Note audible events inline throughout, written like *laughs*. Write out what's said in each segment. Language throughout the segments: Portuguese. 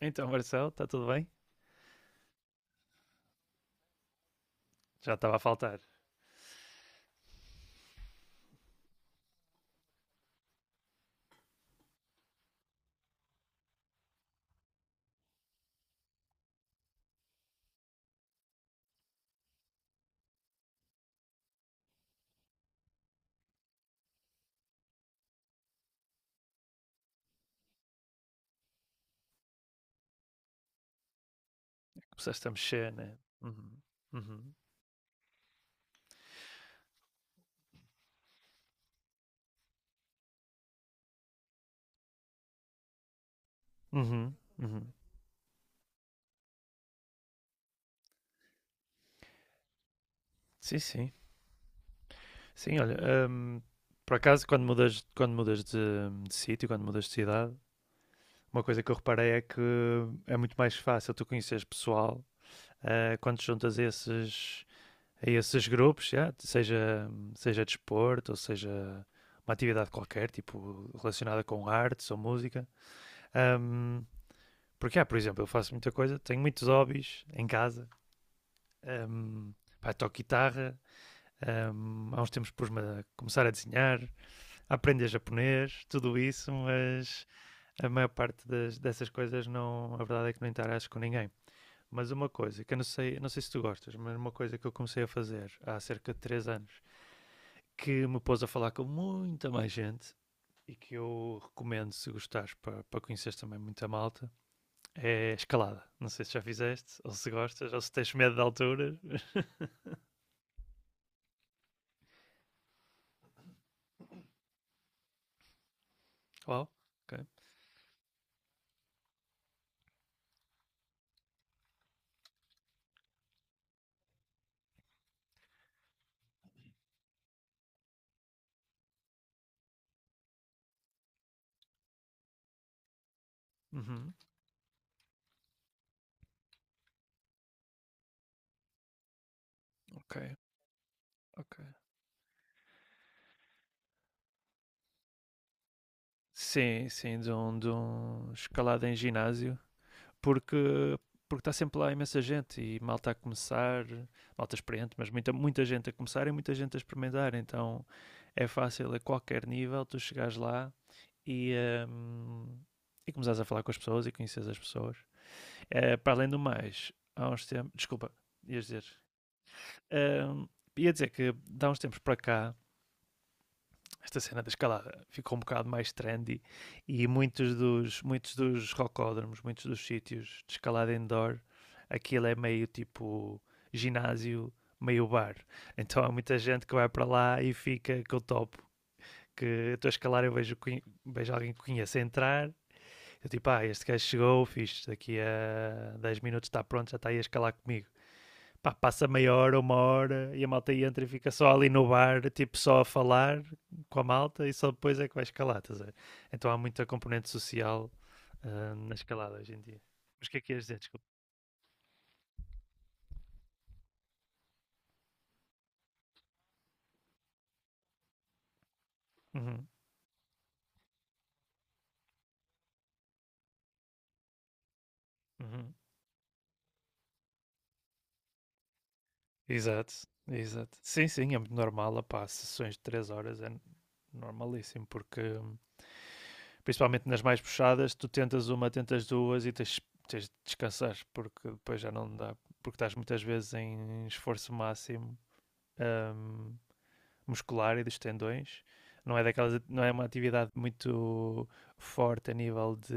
Então, Marcelo, está tudo bem? Já estava a faltar. Começaste a mexer, né? Uhum. Uhum. Uhum. Uhum. Sim, sim. Sim, olha, hum, por acaso, quando mudas de sítio, quando mudas de cidade, uma coisa que eu reparei é que é muito mais fácil tu conheceres pessoal quando te juntas a esses grupos, já, seja, seja desporto ou seja uma atividade qualquer, tipo relacionada com artes ou música. hum, Porque por exemplo, eu faço muita coisa, tenho muitos hobbies em casa. Hum, Pá, toco guitarra, há uns tempos pus-me a começar a desenhar, a aprender japonês, tudo isso, mas a maior parte dessas coisas não, a verdade é que não interage com ninguém. Mas uma coisa que eu não sei, não sei se tu gostas, mas uma coisa que eu comecei a fazer há cerca de 3 anos, que me pôs a falar com muita mais gente e que eu recomendo se gostares para, para conheceres também muita malta, é escalada. Não sei se já fizeste, ou se gostas, ou se tens medo de alturas. *laughs* Uau, ok. Uhum, ok, ok. Sim, sim, de um escalada em ginásio, porque porque está sempre lá imensa gente e malta a começar, malta experiente, mas muita, muita gente a começar e muita gente a experimentar, então é fácil a qualquer nível tu chegares lá e, hum, e começares a falar com as pessoas e conheces as pessoas. Eh, para além do mais, há uns tempos. Desculpa, ias dizer. Ahm, Ia dizer que de há uns tempos para cá, esta cena da escalada ficou um bocado mais trendy e muitos dos rocódromos, muitos dos sítios de escalada indoor, aquilo é meio tipo ginásio, meio bar. Então há muita gente que vai para lá e fica com o topo. Que eu estou a escalar, eu vejo, vejo alguém que conheço a entrar. Eu tipo, ah, este gajo chegou, fiz daqui a 10 minutos está pronto, já está aí a escalar comigo. Pá, passa meia hora, uma hora e a malta entra e fica só ali no bar, tipo só a falar com a malta e só depois é que vai escalar, estás a ver? Então há muita componente social na escalada hoje em dia. Mas o que é que ias dizer? Desculpa. Uhum, uhum. Exato, exato. Sim, sim, é muito normal, opá, sessões de 3 horas é normalíssimo, porque principalmente nas mais puxadas, tu tentas uma, tentas duas e tens, tens de descansar, porque depois já não dá, porque estás muitas vezes em esforço máximo. hum, Muscular e dos tendões. Não é, daquelas, não é uma atividade muito forte a nível, de,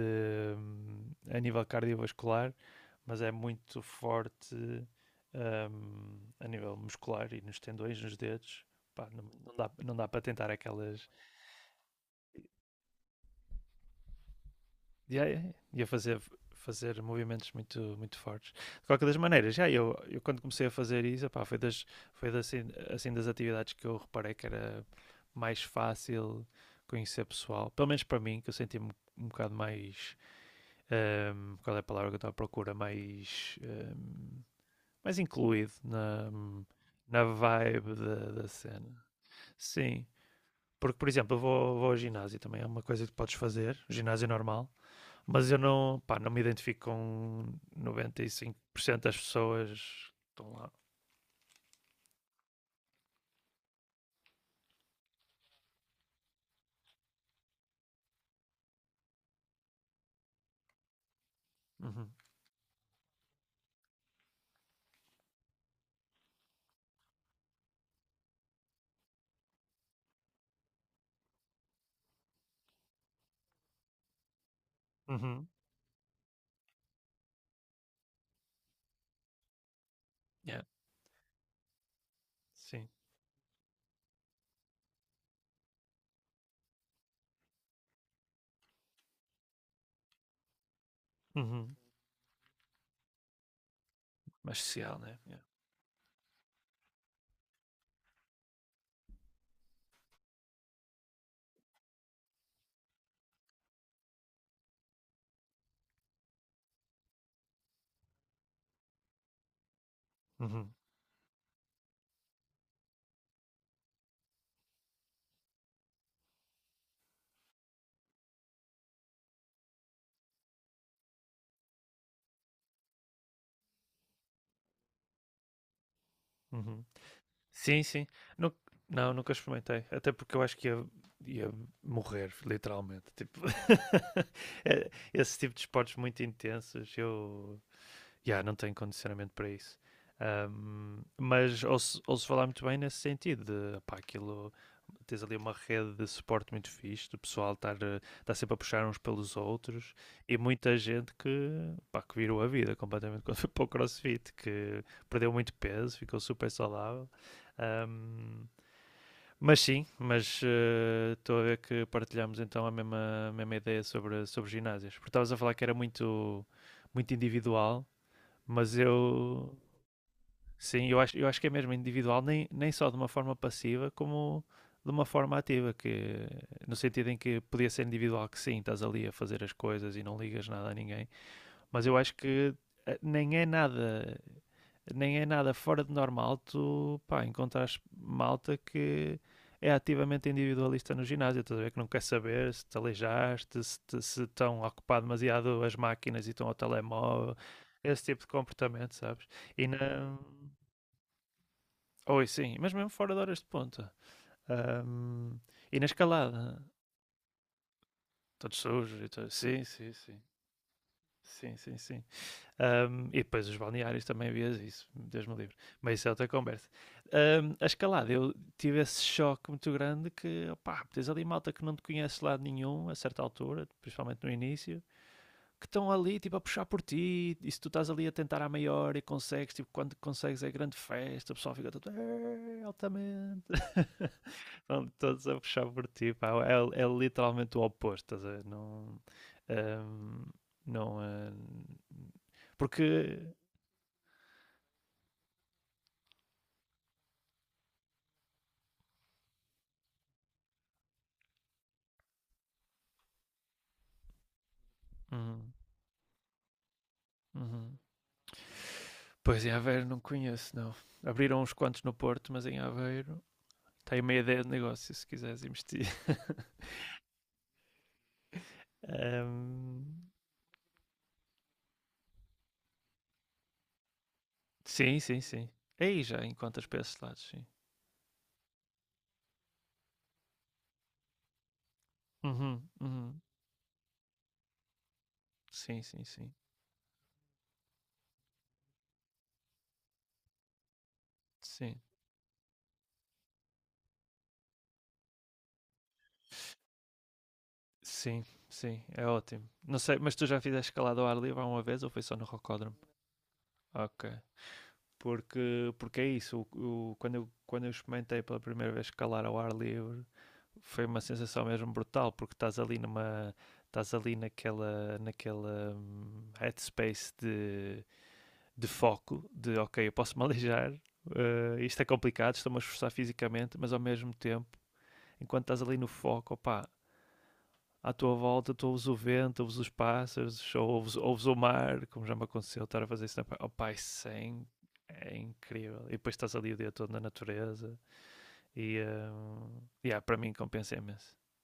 a nível cardiovascular, mas é muito forte a nível muscular e nos tendões, nos dedos. Pá, não, não, dá, não dá para tentar aquelas. Yeah, yeah, yeah. Ia fazer, fazer movimentos muito, muito fortes. De qualquer das maneiras, já eu, quando comecei a fazer isso, epá, foi das, assim, assim das atividades que eu reparei que era mais fácil conhecer pessoal. Pelo menos para mim, que eu senti-me um bocado mais. Qual é a palavra que eu estava à procura? Mais. Mais incluído na, na vibe da, da cena. Sim. Porque, por exemplo, eu vou, vou ao ginásio também, é uma coisa que podes fazer, o ginásio normal, mas eu não, pá, não me identifico com 95% das pessoas que estão lá. Uhum. Uhum. Yeah. Sim. Uhum. Mais social, né? Yeah. Uhum. Uhum. Sim, sim. Nu- não, nunca experimentei. Até porque eu acho que ia, ia morrer, literalmente. Tipo, *laughs* esse tipo de esportes muito intensos, eu yeah, não tenho condicionamento para isso. Mas ouço, ouço falar muito bem nesse sentido de pá, aquilo tens ali uma rede de suporte muito fixe, do pessoal estar, estar sempre a puxar uns pelos outros e muita gente que, pá, que virou a vida completamente *laughs* quando foi para o CrossFit, que perdeu muito peso, ficou super saudável. Ahm, mas sim, mas estou a ver que partilhamos então a mesma ideia sobre, sobre ginásios. Porque estavas a falar que era muito, muito individual, mas eu. Sim, eu acho que é mesmo individual, nem, nem só de uma forma passiva, como de uma forma ativa, que no sentido em que podia ser individual que sim, estás ali a fazer as coisas e não ligas nada a ninguém, mas eu acho que nem é nada, nem é nada fora de normal tu, pá, encontrares malta que é ativamente individualista no ginásio, estás a ver que não quer saber se te aleijaste, se estão a ocupar demasiado as máquinas e estão ao telemóvel, esse tipo de comportamento, sabes? E na. Oi, sim, mas mesmo fora de horas de ponta. Ahm, e na escalada, todos sujos e tudo. Sim, sim, sim. Sim, sim, sim. E depois os balneários também vias isso, Deus me livre. Mas isso é outra conversa. A escalada, eu tive esse choque muito grande que, opá, tens ali malta que não te conhece de lado nenhum, a certa altura, principalmente no início, que estão ali, tipo, a puxar por ti, e se tu estás ali a tentar à maior e consegues, tipo, quando consegues é grande festa, o pessoal fica todo, "Eh, altamente." *laughs* Pronto, todos a puxar por ti, pá. É, é literalmente o oposto, estás a ver? Não. hum, não. Porque. Uhum, uhum. Pois em Aveiro não conheço, não. Abriram uns quantos no Porto, mas em Aveiro. Tem meia ideia de negócio se quiseres investir. *laughs* Hum, sim, sim, sim. Aí já encontras para esses lados, sim. Uhum, uhum. Sim, sim, sim. Sim. Sim, sim, é ótimo. Não sei, mas tu já fizeste escalada ao ar livre uma vez ou foi só no Rocódromo? Ok. Porque, porque é isso, quando eu experimentei pela primeira vez escalar ao ar livre, foi uma sensação mesmo brutal, porque estás ali numa, estás ali naquela, naquela headspace de foco, de ok, eu posso me *laughs* aleijar, eh, isto é complicado, estou-me a esforçar fisicamente, mas ao mesmo tempo, enquanto estás ali no foco, opá, à tua volta, tu ouves o vento, ouves os pássaros, ouves, ouves o mar, como já me aconteceu estar a fazer isso na praia. Oh, pai, sem, é incrível. E depois estás ali o dia todo na natureza e yeah, para mim compensa imenso. *laughs*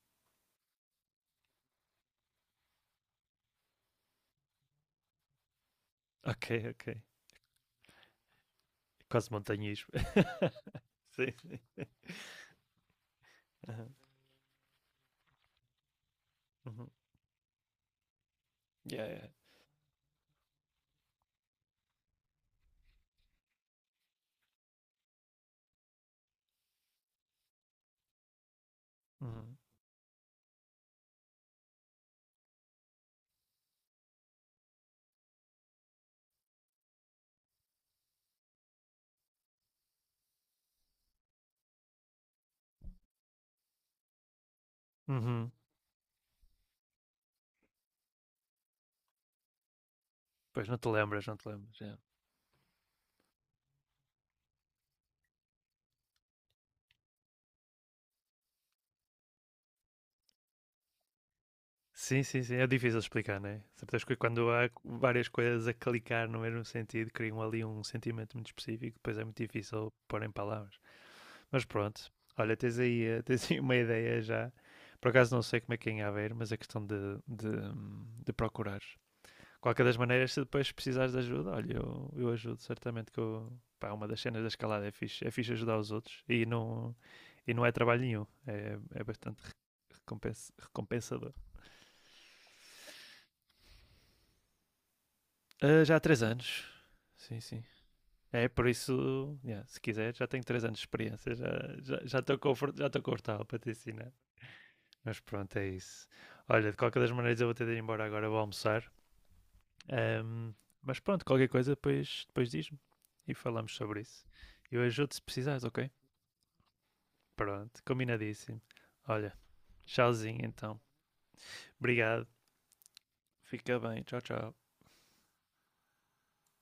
Ok, ok. Quase montanhismo. *laughs* Sim. Uhum. Uhum. Yeah, yeah. Uhum. Uhum. Pois não te lembras, não te lembras. Yeah. Sim, sim, sim. É difícil explicar, não é? Sabes que quando há várias coisas a clicar no mesmo sentido, criam ali um sentimento muito específico, depois é muito difícil pôr em palavras. Mas pronto, olha, tens aí, eh, *laughs* tens aí uma ideia já. Por acaso não sei como é que é em Aveiro, mas é questão de, de procurar. Qualquer das maneiras, se depois precisares de ajuda, olha, eu ajudo, certamente que eu, pá, uma das cenas da escalada é fixe ajudar os outros e não é trabalho nenhum, é, é bastante recompensa, recompensador. Ah, já há 3 anos, sim, sim. É, por isso, yeah, se quiser, já tenho 3 anos de experiência, já estou já estou confortável para te ensinar. Mas pronto, é isso. Olha, de qualquer das maneiras eu vou ter de ir embora agora, vou almoçar. Ahm, mas pronto, qualquer coisa depois, depois diz-me e falamos sobre isso. Eu ajudo se precisares, ok? Pronto, combinadíssimo. Olha, tchauzinho então. Obrigado, fica bem, tchau, tchau.